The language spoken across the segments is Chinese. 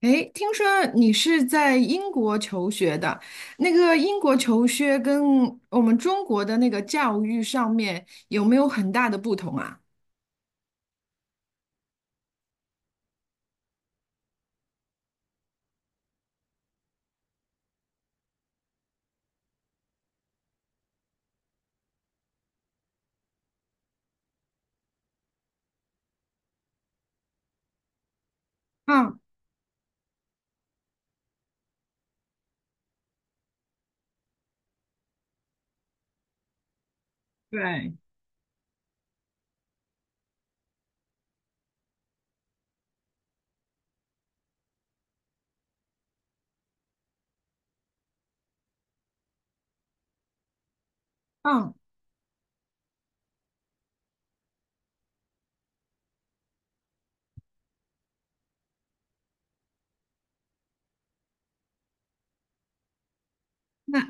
诶，听说你是在英国求学的，那个英国求学跟我们中国的那个教育上面有没有很大的不同啊？嗯，对，嗯，那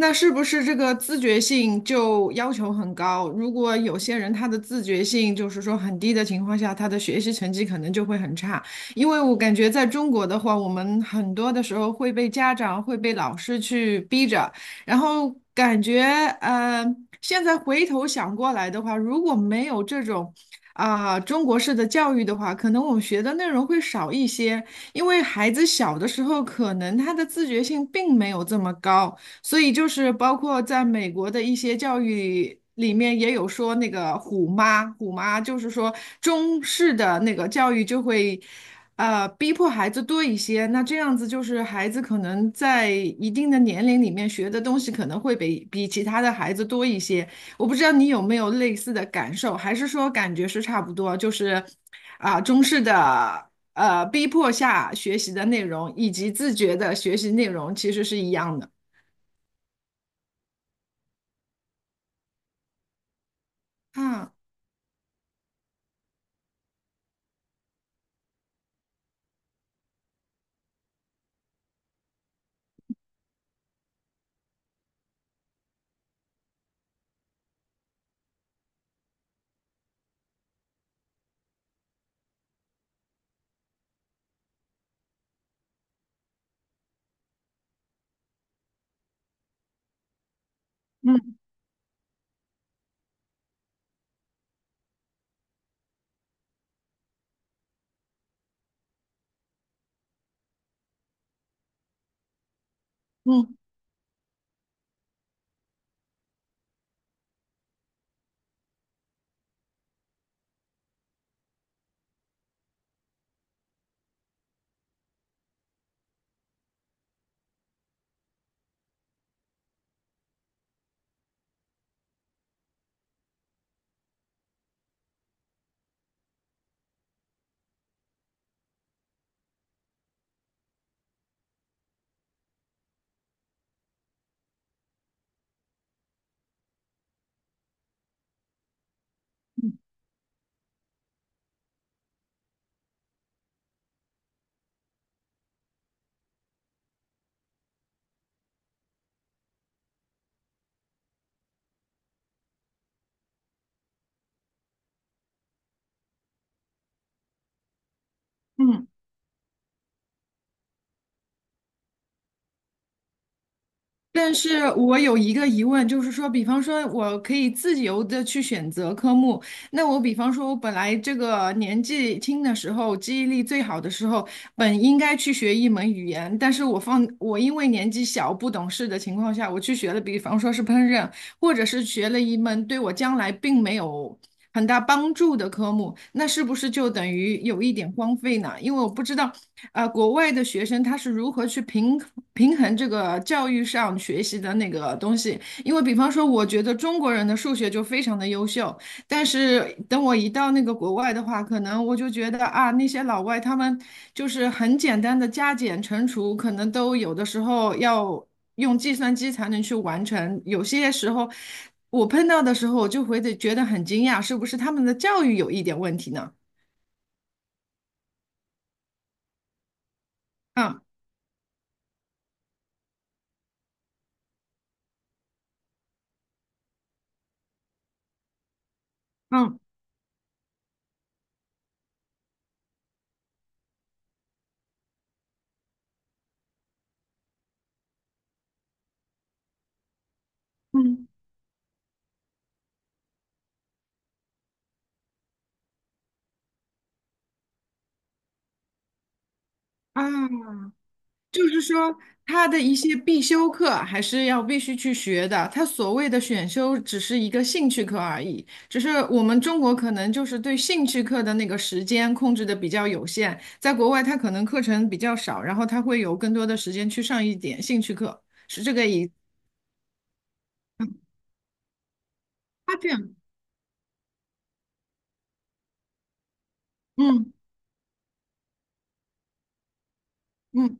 那是不是这个自觉性就要求很高？如果有些人他的自觉性就是说很低的情况下，他的学习成绩可能就会很差。因为我感觉在中国的话，我们很多的时候会被家长、会被老师去逼着，然后感觉呃，现在回头想过来的话，如果没有这种中国式的教育的话，可能我们学的内容会少一些，因为孩子小的时候可能他的自觉性并没有这么高。所以就是包括在美国的一些教育里面也有说那个虎妈，虎妈就是说中式的那个教育就会，逼迫孩子多一些。那这样子就是孩子可能在一定的年龄里面学的东西可能会比其他的孩子多一些。我不知道你有没有类似的感受，还是说感觉是差不多，就是中式的。逼迫下学习的内容以及自觉的学习内容其实是一样的。啊。嗯嗯嗯，但是我有一个疑问，就是说，比方说，我可以自由的去选择科目。那我比方说，我本来这个年纪轻的时候，记忆力最好的时候，本应该去学一门语言，但是我因为年纪小不懂事的情况下，我去学了，比方说是烹饪。或者是学了一门对我将来并没有很大帮助的科目，那是不是就等于有一点荒废呢？因为我不知道，国外的学生他是如何去平衡这个教育上学习的那个东西。因为比方说，我觉得中国人的数学就非常的优秀，但是等我一到那个国外的话，可能我就觉得那些老外他们就是很简单的加减乘除，可能都有的时候要用计算机才能去完成。有些时候，我碰到的时候，我就会得觉得很惊讶，是不是他们的教育有一点问题呢？嗯嗯嗯啊，就是说他的一些必修课还是要必须去学的，他所谓的选修只是一个兴趣课而已，只是我们中国可能就是对兴趣课的那个时间控制的比较有限，在国外他可能课程比较少，然后他会有更多的时间去上一点兴趣课，是这个意差距。嗯。嗯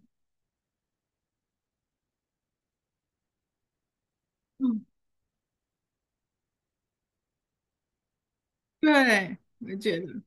嗯，对，我觉得，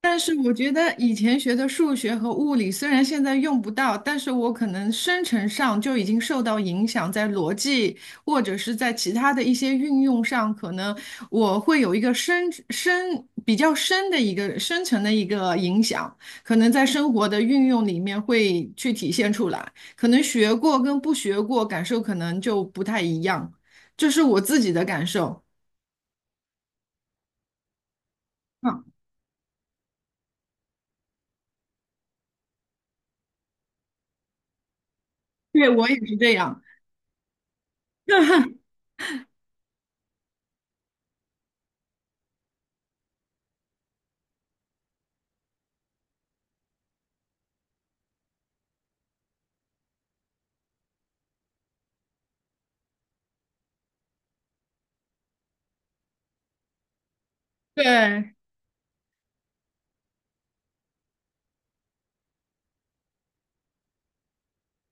但是我觉得以前学的数学和物理，虽然现在用不到，但是我可能生成上就已经受到影响，在逻辑或者是在其他的一些运用上，可能我会有一个比较深的一个深层的一个影响，可能在生活的运用里面会去体现出来，可能学过跟不学过感受可能就不太一样，这是我自己的感受。嗯，对，我也是这样。对，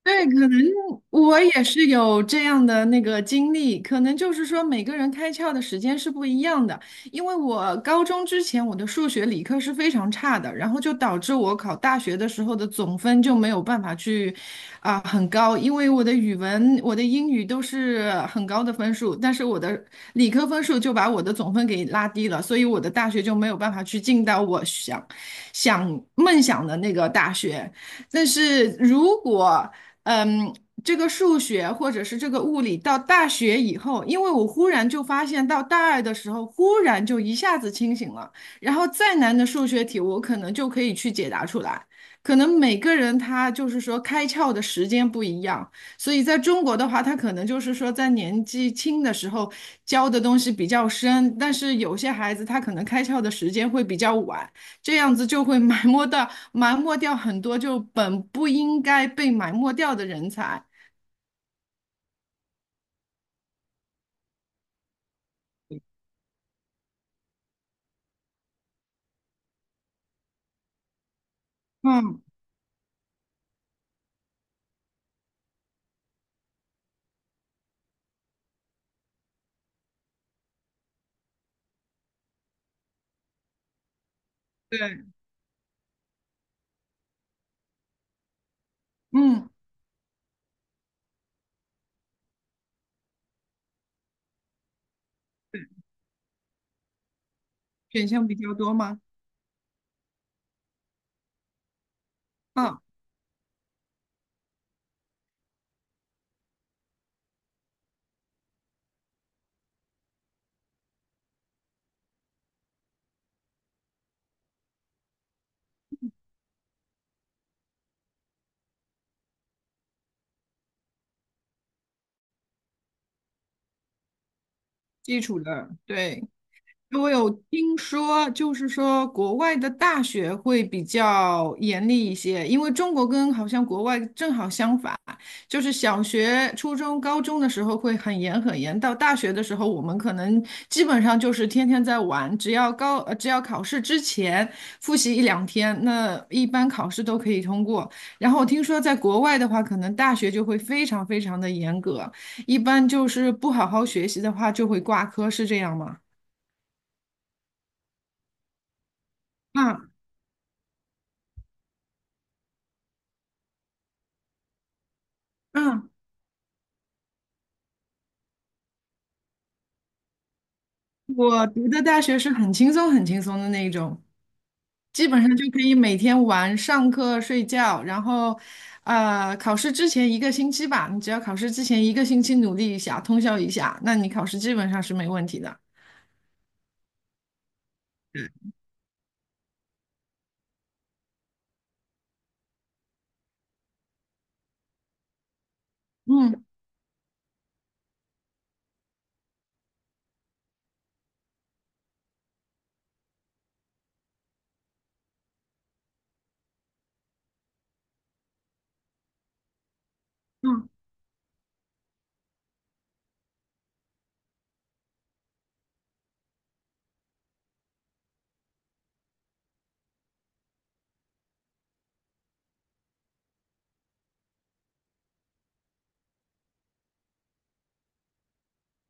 对，可能我也是有这样的那个经历，可能就是说每个人开窍的时间是不一样的。因为我高中之前我的数学理科是非常差的，然后就导致我考大学的时候的总分就没有办法去很高，因为我的语文、我的英语都是很高的分数，但是我的理科分数就把我的总分给拉低了，所以我的大学就没有办法去进到想梦想的那个大学。但是如果嗯，这个数学或者是这个物理到大学以后，因为我忽然就发现，到大二的时候，忽然就一下子清醒了。然后再难的数学题，我可能就可以去解答出来。可能每个人他就是说开窍的时间不一样，所以在中国的话，他可能就是说在年纪轻的时候教的东西比较深，但是有些孩子他可能开窍的时间会比较晚。这样子就会埋没掉很多就本不应该被埋没掉的人才。嗯，对，嗯，选项比较多吗？嗯，基础的，对。我有听说，就是说国外的大学会比较严厉一些，因为中国跟好像国外正好相反，就是小学、初中、高中的时候会很严很严，到大学的时候我们可能基本上就是天天在玩，只要考试之前复习一两天，那一般考试都可以通过。然后我听说在国外的话，可能大学就会非常非常的严格，一般就是不好好学习的话就会挂科，是这样吗？啊。嗯，我读的大学是很轻松、很轻松的那一种，基本上就可以每天玩、上课、睡觉，然后，考试之前一个星期吧，你只要考试之前一个星期努力一下、通宵一下，那你考试基本上是没问题的。嗯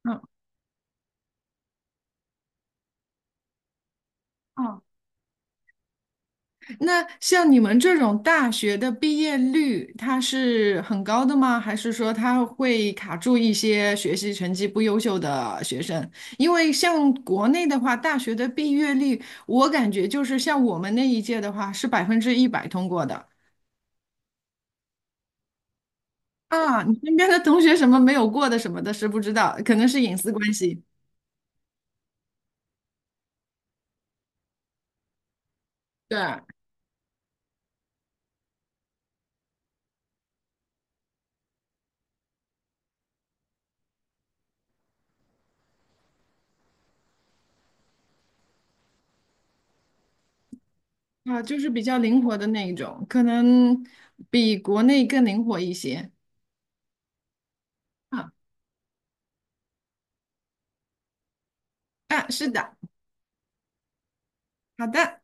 嗯，哦，那像你们这种大学的毕业率，它是很高的吗？还是说它会卡住一些学习成绩不优秀的学生？因为像国内的话，大学的毕业率，我感觉就是像我们那一届的话，是100%通过的啊。你身边的同学什么没有过的什么的，是不知道，可能是隐私关系。对啊，就是比较灵活的那一种，可能比国内更灵活一些啊。啊，是的，好的。